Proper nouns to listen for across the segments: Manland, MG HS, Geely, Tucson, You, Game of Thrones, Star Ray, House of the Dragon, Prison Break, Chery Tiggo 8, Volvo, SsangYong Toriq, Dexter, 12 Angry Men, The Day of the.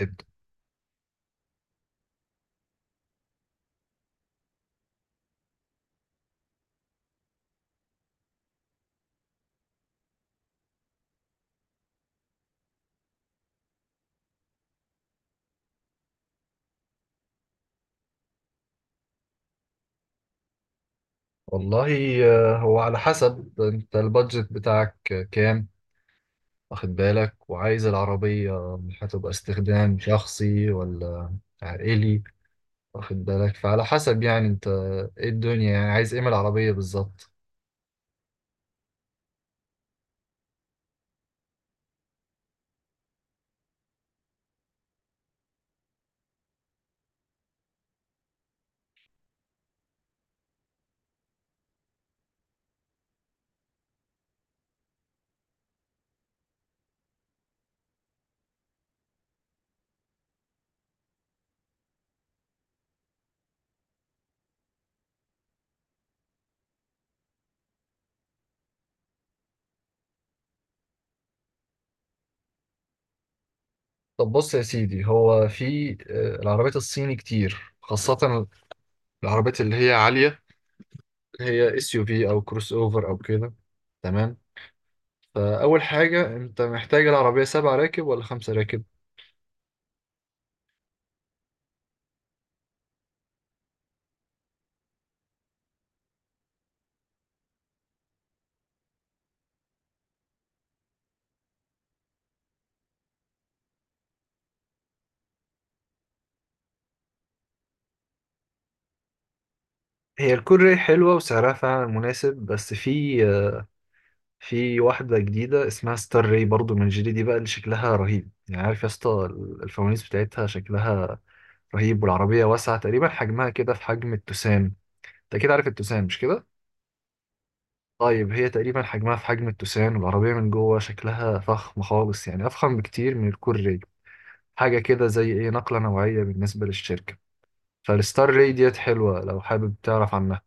ابدأ. والله، هو على حسب انت البادجت بتاعك كام؟ واخد بالك، وعايز العربية هتبقى استخدام شخصي ولا عائلي؟ واخد بالك، فعلى حسب يعني انت ايه الدنيا، يعني عايز ايه من العربية بالظبط؟ طب بص يا سيدي، هو في العربيات الصيني كتير، خاصة العربيات اللي هي عالية، اللي هي اس يو في او كروس اوفر او كده. تمام. فأول حاجة، انت محتاج العربية سبع راكب ولا خمسة راكب؟ هي الكوري حلوة وسعرها فعلا مناسب. بس في واحدة جديدة اسمها ستار راي، برضو من جيلي. دي بقى اللي شكلها رهيب، يعني عارف يا اسطى. الفوانيس بتاعتها شكلها رهيب، والعربية واسعة، تقريبا حجمها كده في حجم التوسان. انت كده عارف التوسان، مش كده؟ طيب، هي تقريبا حجمها في حجم التوسان، والعربية من جوه شكلها فخم خالص، يعني أفخم بكتير من الكوري. حاجة كده زي ايه نقلة نوعية بالنسبة للشركة. فالستار راي ديت حلوة لو حابب تعرف عنها.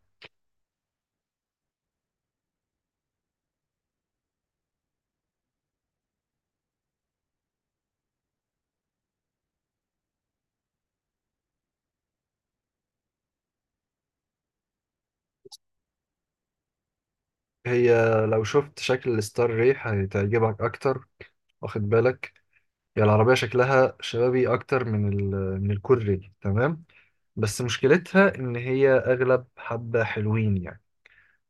هي لو شفت شكل الستار ريح هتعجبك اكتر، واخد بالك. هي العربيه شكلها شبابي اكتر من الكوري. تمام. بس مشكلتها ان هي اغلب حبه حلوين يعني.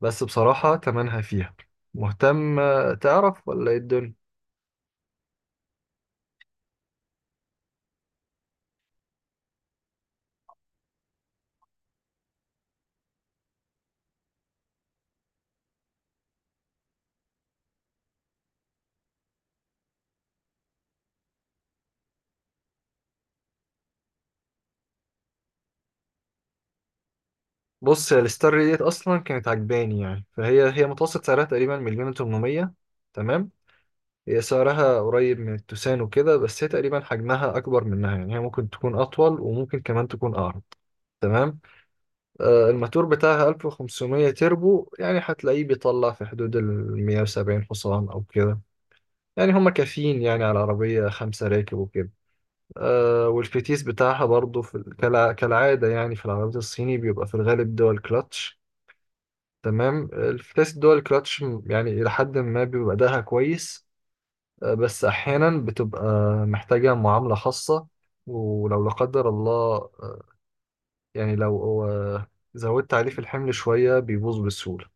بس بصراحه تمنها فيها. مهتم تعرف ولا ايه الدنيا؟ بص يا، الستار ريح ديت اصلا كانت عجباني يعني، فهي متوسط سعرها تقريبا مليون و800. تمام. هي سعرها قريب من التوسان وكده، بس هي تقريبا حجمها اكبر منها، يعني هي ممكن تكون اطول، وممكن كمان تكون اعرض. تمام. الماتور بتاعها 1500 تربو، يعني هتلاقيه بيطلع في حدود ال 170 حصان أو كده، يعني هما كافيين يعني على عربية خمسة راكب وكده. والفتيس بتاعها برضو في كالعادة، يعني في العربيات الصيني بيبقى في الغالب دول كلاتش. تمام. الفتيس دول كلاتش، يعني إلى حد ما بيبقى أداها كويس. بس أحيانا بتبقى محتاجة معاملة خاصة. ولو لا قدر الله، آه، يعني لو زودت عليه في الحمل شوية بيبوظ بسهولة.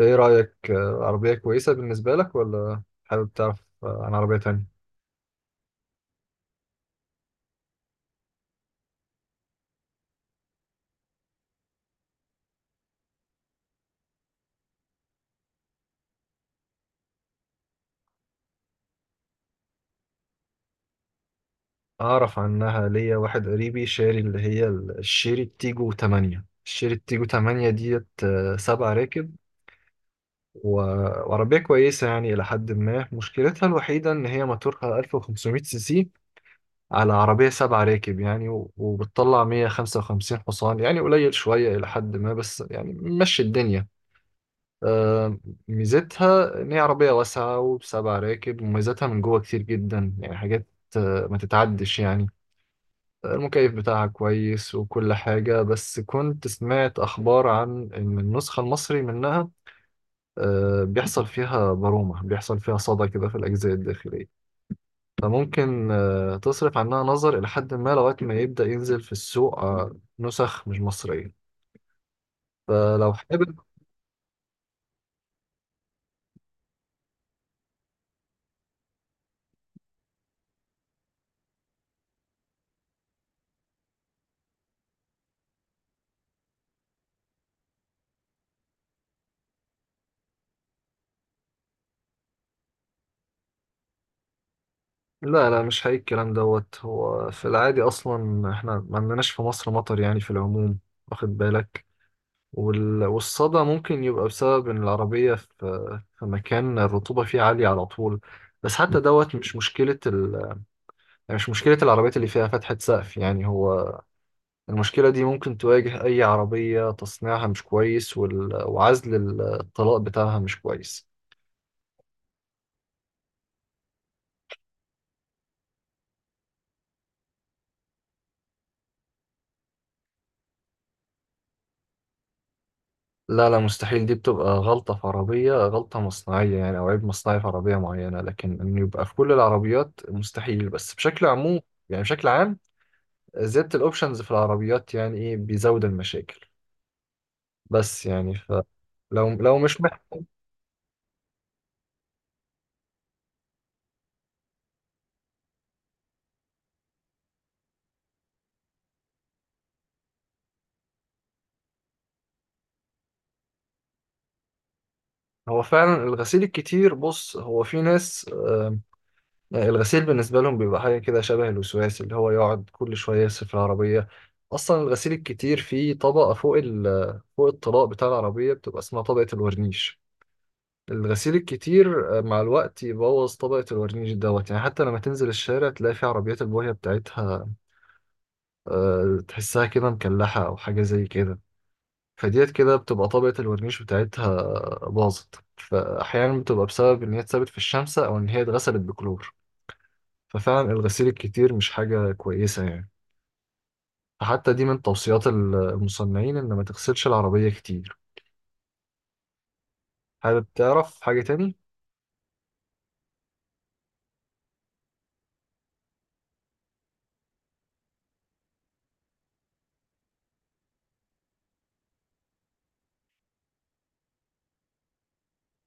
ايه رأيك؟ عربية كويسة بالنسبة لك، ولا حابب تعرف عن عربية تانية؟ أعرف عنها. ليا واحد قريبي شاري اللي هي الشيري تيجو 8 ديت، سبع راكب و- وعربية كويسة يعني إلى حد ما. مشكلتها الوحيدة إن هي موتورها 1500 سي سي على عربية سبع راكب يعني، وبتطلع 155 حصان، يعني قليل شوية إلى حد ما، بس يعني مشي الدنيا. آه، ميزتها إن هي عربية واسعة وبسبع راكب، وميزتها من جوه كتير جدا، يعني حاجات ما تتعدش يعني. المكيف بتاعها كويس وكل حاجة، بس كنت سمعت أخبار عن إن النسخة المصري منها بيحصل فيها برومة، بيحصل فيها صدى كده في الأجزاء الداخلية. فممكن تصرف عنها نظر إلى حد ما، لغاية ما يبدأ ينزل في السوق نسخ مش مصرية، فلو حابب. لا، لا، مش حقيقي الكلام دوت. هو في العادي اصلا احنا ما عندناش في مصر مطر يعني في العموم، واخد بالك. والصدى ممكن يبقى بسبب ان العربية في مكان الرطوبة فيه عالية على طول. بس حتى دوت مش مشكلة يعني مش مشكلة العربيات اللي فيها فتحة سقف، يعني هو المشكلة دي ممكن تواجه أي عربية تصنيعها مش كويس، وعزل الطلاء بتاعها مش كويس. لا، لا، مستحيل. دي بتبقى غلطة في عربية، غلطة مصنعية يعني، أو عيب مصنعي في عربية معينة، لكن إنه يبقى في كل العربيات مستحيل. بس بشكل عموم يعني، بشكل عام زيادة الأوبشنز في العربيات يعني إيه بيزود المشاكل. بس يعني لو مش محتاج. هو فعلا الغسيل الكتير. بص، هو في ناس يعني الغسيل بالنسبة لهم بيبقى حاجة كده شبه الوسواس، اللي هو يقعد كل شوية يغسل في العربية. أصلا الغسيل الكتير فيه طبقة فوق الطلاء بتاع العربية، بتبقى اسمها طبقة الورنيش. الغسيل الكتير مع الوقت يبوظ طبقة الورنيش دوت، يعني حتى لما تنزل الشارع تلاقي في عربيات البويه بتاعتها تحسها كده مكلحة أو حاجة زي كده. فديت كده بتبقى طبقة الورنيش بتاعتها باظت، فأحيانا بتبقى بسبب إن هي اتسابت في الشمس أو إن هي اتغسلت بكلور. ففعلا الغسيل الكتير مش حاجة كويسة يعني، فحتى دي من توصيات المصنعين إن ما تغسلش العربية كتير. حابب تعرف حاجة تاني؟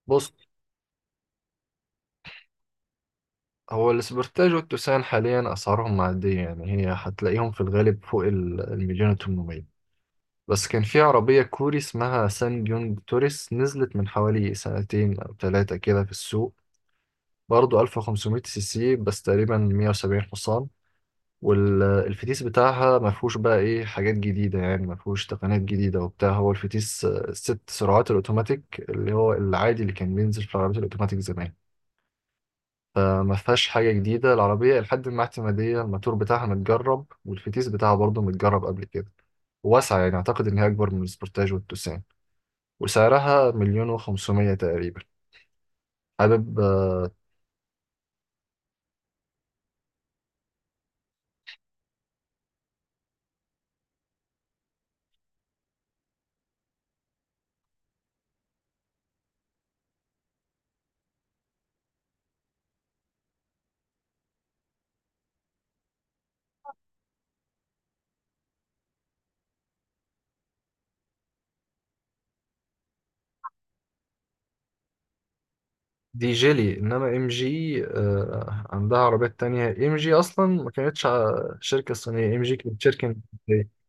بص، هو الاسبرتاج والتوسان حاليا أسعارهم معدية، يعني هي هتلاقيهم في الغالب فوق المليون وتمنمية. بس كان في عربية كوري اسمها سان بيونج توريس نزلت من حوالي سنتين أو ثلاثة كده في السوق. برضه 1500 سي سي، بس تقريبا 170 حصان. والفتيس بتاعها ما فيهوش بقى ايه حاجات جديدة يعني، ما فيهوش تقنيات جديدة وبتاع. هو الفتيس ست سرعات الأوتوماتيك، اللي هو العادي اللي كان بينزل في العربيات الأوتوماتيك زمان. فما فيهاش حاجة جديدة العربية، لحد ما اعتمادية الماتور بتاعها متجرب، والفتيس بتاعها برضه متجرب قبل كده. واسعة، يعني أعتقد إن هي أكبر من السبورتاج والتوسان، وسعرها مليون وخمسمية تقريبا. حابب دي جيلي. إنما إم جي عندها عربيات تانية. إم جي أصلا ما كانتش شركة صينية، إم جي كانت شركة أمريكية.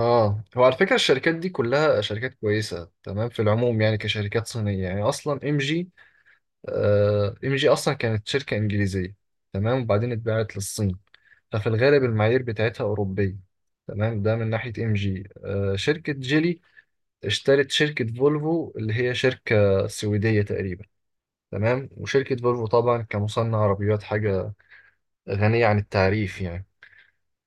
اه، هو على فكرة الشركات دي كلها شركات كويسة تمام في العموم، يعني كشركات صينية. يعني أصلا ام جي اصلا كانت شركه انجليزيه. تمام. وبعدين اتباعت للصين، ففي الغالب المعايير بتاعتها اوروبيه. تمام. ده من ناحيه ام جي. شركه جيلي اشترت شركه فولفو اللي هي شركه سويديه تقريبا. تمام. وشركه فولفو طبعا كمصنع عربيات، حاجه غنيه عن التعريف يعني.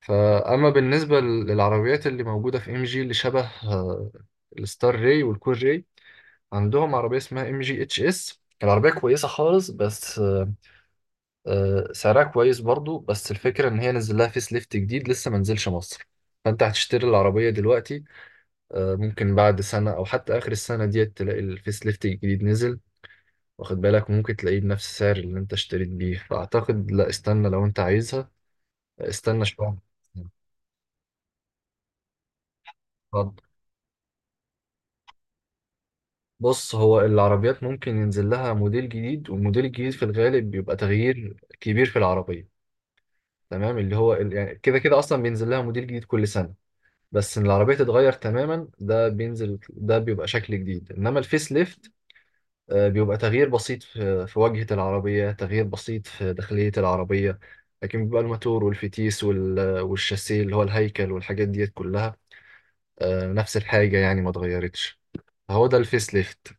فاما بالنسبه للعربيات اللي موجوده في ام جي اللي شبه الستار راي والكور راي، عندهم عربيه اسمها ام جي اتش اس. العربيه كويسه خالص، بس سعرها كويس برضو. بس الفكرة إن هي نزل لها فيس ليفت جديد لسه ما نزلش مصر. فأنت هتشتري العربية دلوقتي، ممكن بعد سنة أو حتى آخر السنة ديت تلاقي الفيس ليفت الجديد نزل، واخد بالك، ممكن تلاقيه بنفس السعر اللي أنت اشتريت بيه. فأعتقد لا، استنى. لو أنت عايزها استنى شوية. اتفضل. بص، هو العربيات ممكن ينزل لها موديل جديد، والموديل الجديد في الغالب بيبقى تغيير كبير في العربية. تمام. اللي هو يعني كده كده أصلا بينزل لها موديل جديد كل سنة. بس ان العربيه تتغير تماما ده بينزل، ده بيبقى شكل جديد. انما الفيس ليفت بيبقى تغيير بسيط في واجهه العربيه، تغيير بسيط في داخليه العربيه. لكن بيبقى الماتور والفتيس والشاسيه اللي هو الهيكل، والحاجات ديت كلها نفس الحاجه يعني، ما اتغيرتش. فهو ده الفيس ليفت.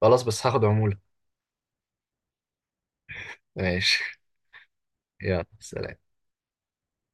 خلاص، بس هاخد عموله. ماشي. يلا سلام